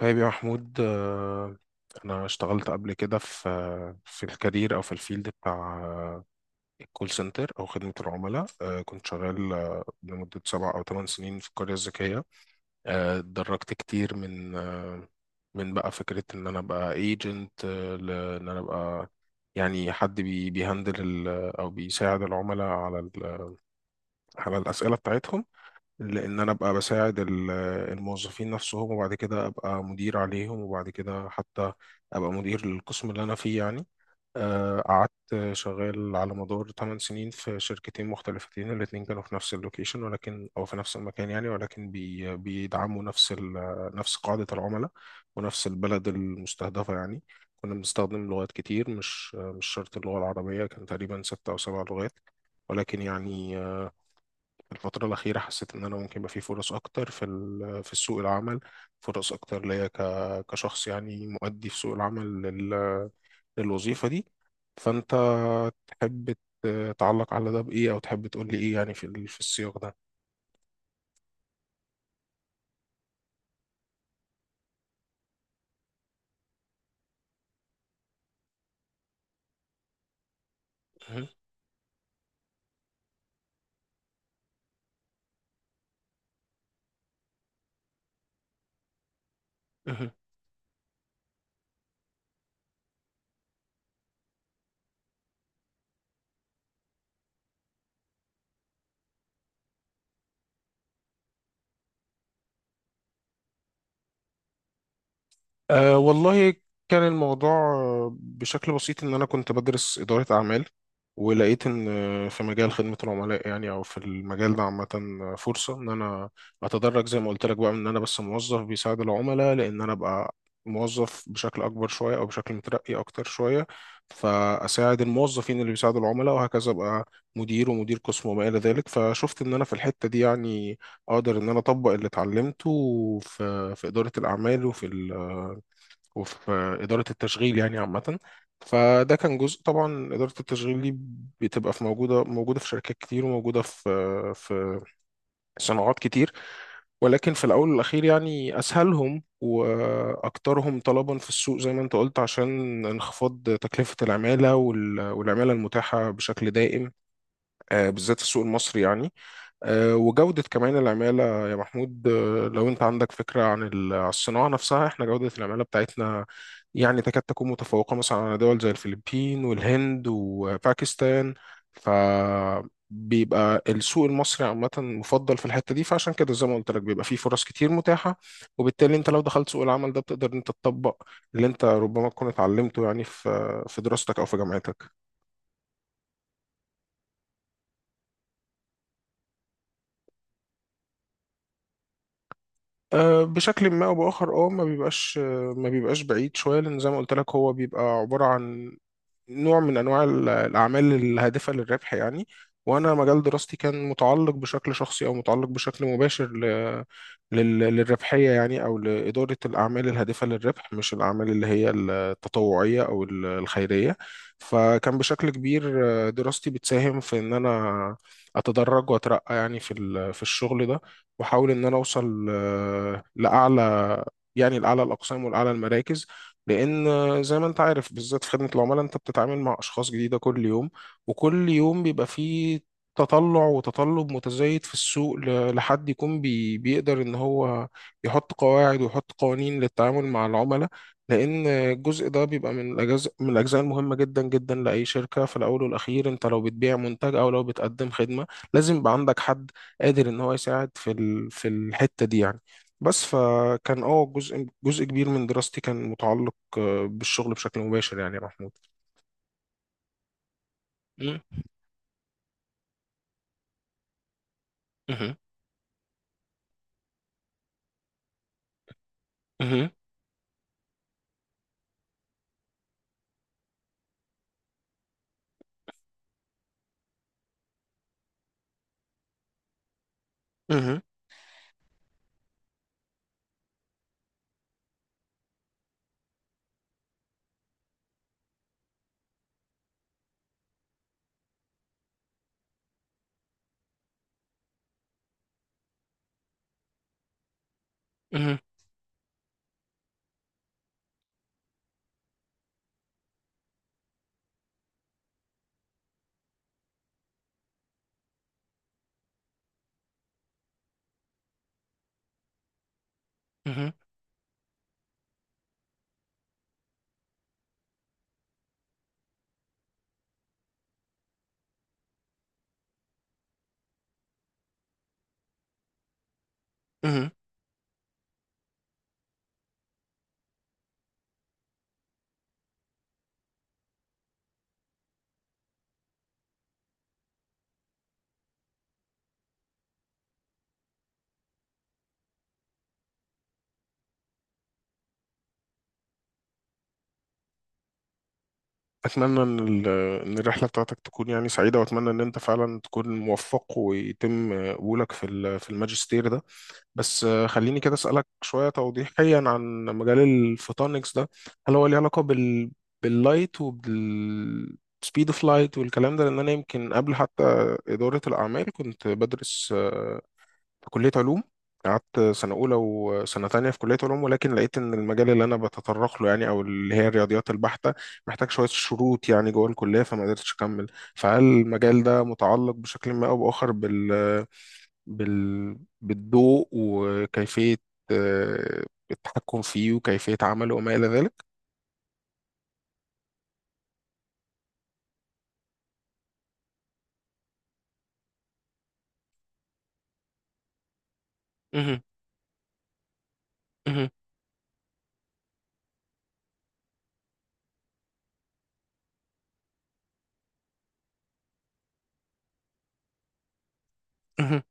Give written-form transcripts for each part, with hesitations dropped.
طيب يا محمود، أنا اشتغلت قبل كده في الكارير أو في الفيلد بتاع الكول سنتر أو خدمة العملاء. كنت شغال لمدة 7 أو 8 سنين في القرية الذكية. اتدرجت كتير من بقى فكرة إن أنا أبقى ايجنت، لإن أنا أبقى يعني حد بيهندل أو بيساعد العملاء على الأسئلة بتاعتهم، لان انا ابقى بساعد الموظفين نفسهم، وبعد كده ابقى مدير عليهم، وبعد كده حتى ابقى مدير للقسم اللي انا فيه يعني. قعدت شغال على مدار 8 سنين في شركتين مختلفتين، الاتنين كانوا في نفس اللوكيشن، ولكن او في نفس المكان يعني، ولكن بيدعموا نفس نفس قاعدة العملاء ونفس البلد المستهدفة يعني. كنا بنستخدم لغات كتير، مش شرط اللغة العربية، كان تقريبا ستة أو سبع لغات. ولكن يعني الفترة الأخيرة حسيت إن أنا ممكن يبقى في فرص أكتر في سوق العمل، فرص أكتر ليا كشخص يعني مؤدي في سوق العمل للوظيفة دي. فأنت تحب تعلق على ده بإيه، أو تحب تقول لي إيه يعني في السياق ده؟ مهم. مهم. أه والله، كان الموضوع بشكل بسيط، إن أنا كنت بدرس إدارة أعمال، ولقيت إن في مجال خدمة العملاء يعني، أو في المجال ده عامة، فرصة إن أنا أتدرج زي ما قلت لك، بقى من إن أنا بس موظف بيساعد العملاء لأن أنا أبقى موظف بشكل أكبر شوية، أو بشكل مترقي أكتر شوية، فأساعد الموظفين اللي بيساعدوا العملاء، وهكذا أبقى مدير ومدير قسم وما إلى ذلك. فشفت إن أنا في الحتة دي يعني أقدر إن أنا أطبق اللي اتعلمته في إدارة الأعمال وفي إدارة التشغيل يعني عامة. فده كان جزء، طبعا إدارة التشغيل دي بتبقى في موجودة في شركات كتير، وموجودة في صناعات كتير، ولكن في الأول والأخير يعني أسهلهم وأكثرهم طلبا في السوق، زي ما أنت قلت، عشان انخفاض تكلفة العمالة والعمالة المتاحة بشكل دائم، بالذات في السوق المصري يعني. وجودة كمان العمالة يا محمود، لو أنت عندك فكرة عن الصناعة نفسها، إحنا جودة العمالة بتاعتنا يعني تكاد تكون متفوقة مثلا على دول زي الفلبين والهند وباكستان، فبيبقى السوق المصري عامة مفضل في الحتة دي، فعشان كده زي ما قلت لك، بيبقى فيه فرص كتير متاحة. وبالتالي أنت لو دخلت سوق العمل ده، بتقدر إن أنت تطبق اللي أنت ربما تكون اتعلمته يعني في دراستك أو في جامعتك. أه، بشكل ما او باخر، ما بيبقاش، بعيد شويه، لان زي ما قلت لك هو بيبقى عباره عن نوع من انواع الاعمال الهادفه للربح يعني. وانا مجال دراستي كان متعلق بشكل شخصي، او متعلق بشكل مباشر للربحيه يعني، او لاداره الاعمال الهادفه للربح، مش الاعمال اللي هي التطوعيه او الخيريه. فكان بشكل كبير دراستي بتساهم في ان انا اتدرج واترقى يعني في في الشغل ده، واحاول ان انا اوصل لاعلى، يعني لأعلى الأقسام ولأعلى المراكز. لأن زي ما أنت عارف، بالذات في خدمة العملاء، أنت بتتعامل مع أشخاص جديدة كل يوم، وكل يوم بيبقى فيه تطلع وتطلب متزايد في السوق لحد يكون بيقدر إن هو يحط قواعد ويحط قوانين للتعامل مع العملاء، لأن الجزء ده بيبقى من الأجزاء المهمة جدا جدا لأي شركة. في الأول والأخير، أنت لو بتبيع منتج أو لو بتقدم خدمة، لازم يبقى عندك حد قادر إن هو يساعد في الحتة دي يعني. بس فكان جزء كبير من دراستي كان متعلق بالشغل بشكل مباشر يعني يا محمود. مم. مهم. مهم. مهم. مهم. مهم. مهم. اتمنى ان إن الرحله بتاعتك تكون يعني سعيده، واتمنى ان انت فعلا تكون موفق ويتم قبولك في الماجستير ده. بس خليني كده اسالك شويه توضيحيا عن مجال الفوتونكس ده. هل هو ليه علاقه باللايت وبالسبيد اوف لايت والكلام ده؟ لان انا يمكن قبل حتى اداره الاعمال كنت بدرس في كلية علوم، قعدت سنة أولى وسنة تانية في كلية علوم، ولكن لقيت إن المجال اللي أنا بتطرق له يعني، أو اللي هي الرياضيات البحتة، محتاج شوية شروط يعني جوه الكلية، فما قدرتش أكمل. فهل المجال ده متعلق بشكل ما أو بآخر بالضوء وكيفية آه، التحكم فيه وكيفية عمله وما إلى ذلك؟ مهم، مهم، مهم،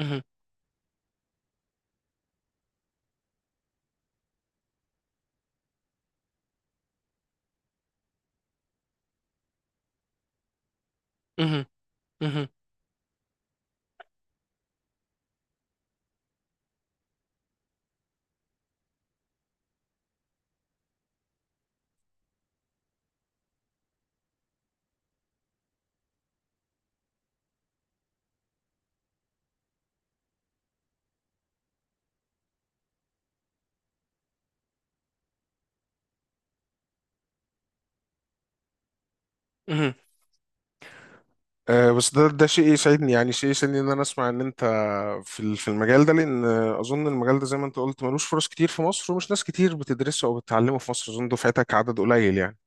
مهم، مهم، مهم، مهم. أه، بس ده شيء يسعدني، يعني شيء يسعدني ان انا اسمع ان انت في المجال ده، لان اظن المجال ده زي ما انت قلت ملوش فرص كتير في مصر، ومش ناس كتير بتدرسه او بتتعلمه في مصر، اظن دفعتك عدد قليل يعني.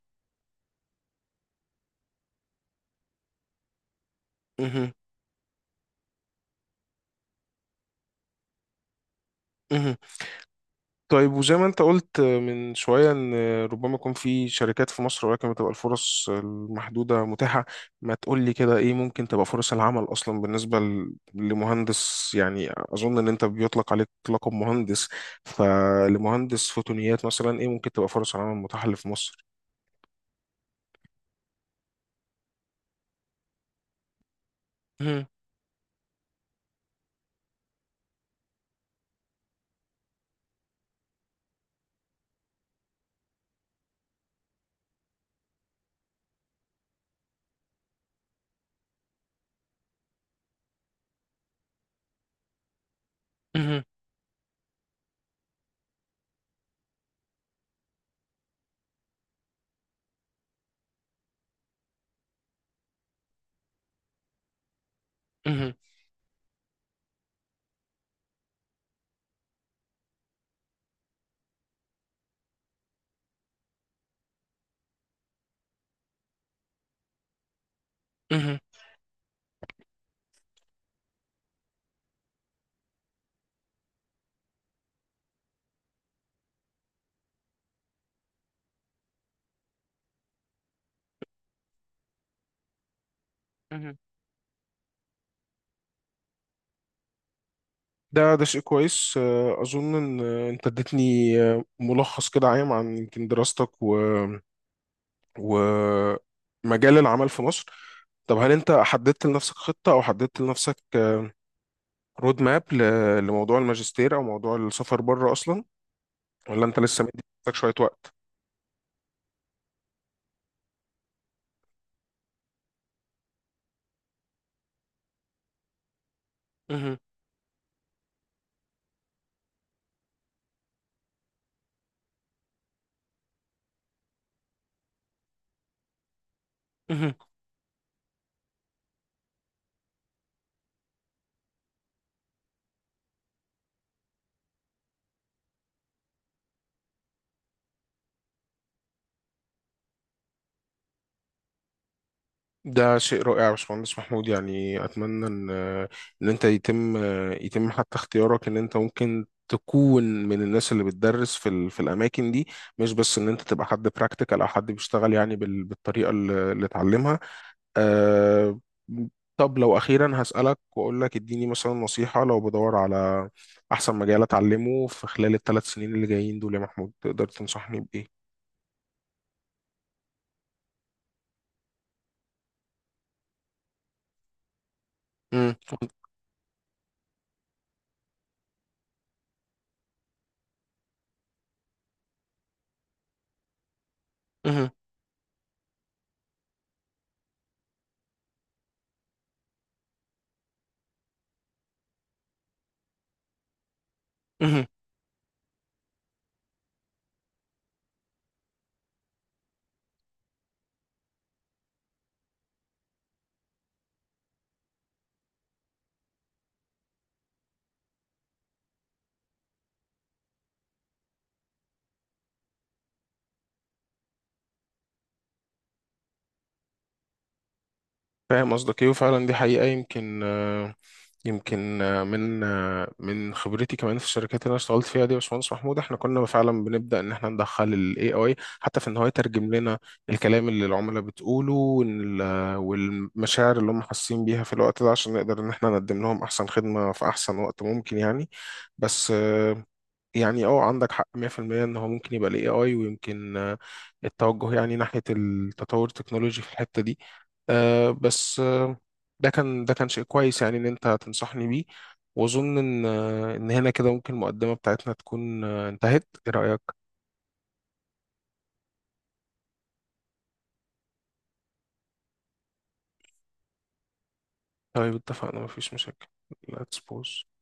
مهم. مهم. طيب، وزي ما انت قلت من شوية ان ربما يكون في شركات في مصر ولكن بتبقى الفرص المحدودة متاحة، ما تقول لي كده ايه ممكن تبقى فرص العمل اصلا بالنسبة لمهندس، يعني اظن ان انت بيطلق عليك لقب مهندس، فلمهندس فوتونيات مثلا، ايه ممكن تبقى فرص العمل المتاحة اللي في مصر؟ مهم. مهم. مهم. مهم. مهم. ده شيء كويس. أظن إن أنت اديتني ملخص كده عام عن يمكن دراستك ومجال العمل في مصر. طب هل انت حددت لنفسك خطة، او حددت لنفسك رود ماب لموضوع الماجستير او موضوع السفر بره اصلا، ولا انت لسه مدي لنفسك شوية وقت؟ مهم. مهم. ده شيء رائع يا باشمهندس محمود، يعني اتمنى ان انت يتم حتى اختيارك، ان انت ممكن تكون من الناس اللي بتدرس في في الاماكن دي، مش بس ان انت تبقى حد براكتيكال او حد بيشتغل يعني بالطريقه اللي اتعلمها. أه. طب لو أخيرا هسألك وأقول لك اديني مثلا نصيحة لو بدور على أحسن مجال أتعلمه في خلال الثلاث سنين اللي جايين دول، يا محمود تقدر تنصحني بإيه؟ مم. مهم. مهم. فاهم قصدك إيه، وفعلا دي حقيقة. يمكن من خبرتي كمان في الشركات اللي انا اشتغلت فيها دي يا باشمهندس محمود، احنا كنا فعلا بنبدا ان احنا ندخل الاي اي، حتى في ان هو يترجم لنا الكلام اللي العملاء بتقوله، والمشاعر اللي هم حاسين بيها في الوقت ده، عشان نقدر ان احنا نقدم لهم احسن خدمه في احسن وقت ممكن يعني. بس يعني اه عندك حق 100%، ان هو ممكن يبقى الاي اي، ويمكن التوجه يعني ناحية التطور التكنولوجي في الحتة دي. بس ده كان شيء كويس يعني ان انت تنصحني بيه. واظن ان ان هنا كده ممكن المقدمة بتاعتنا تكون انتهت. ايه رأيك؟ طيب اتفقنا، مفيش مشاكل. let's pause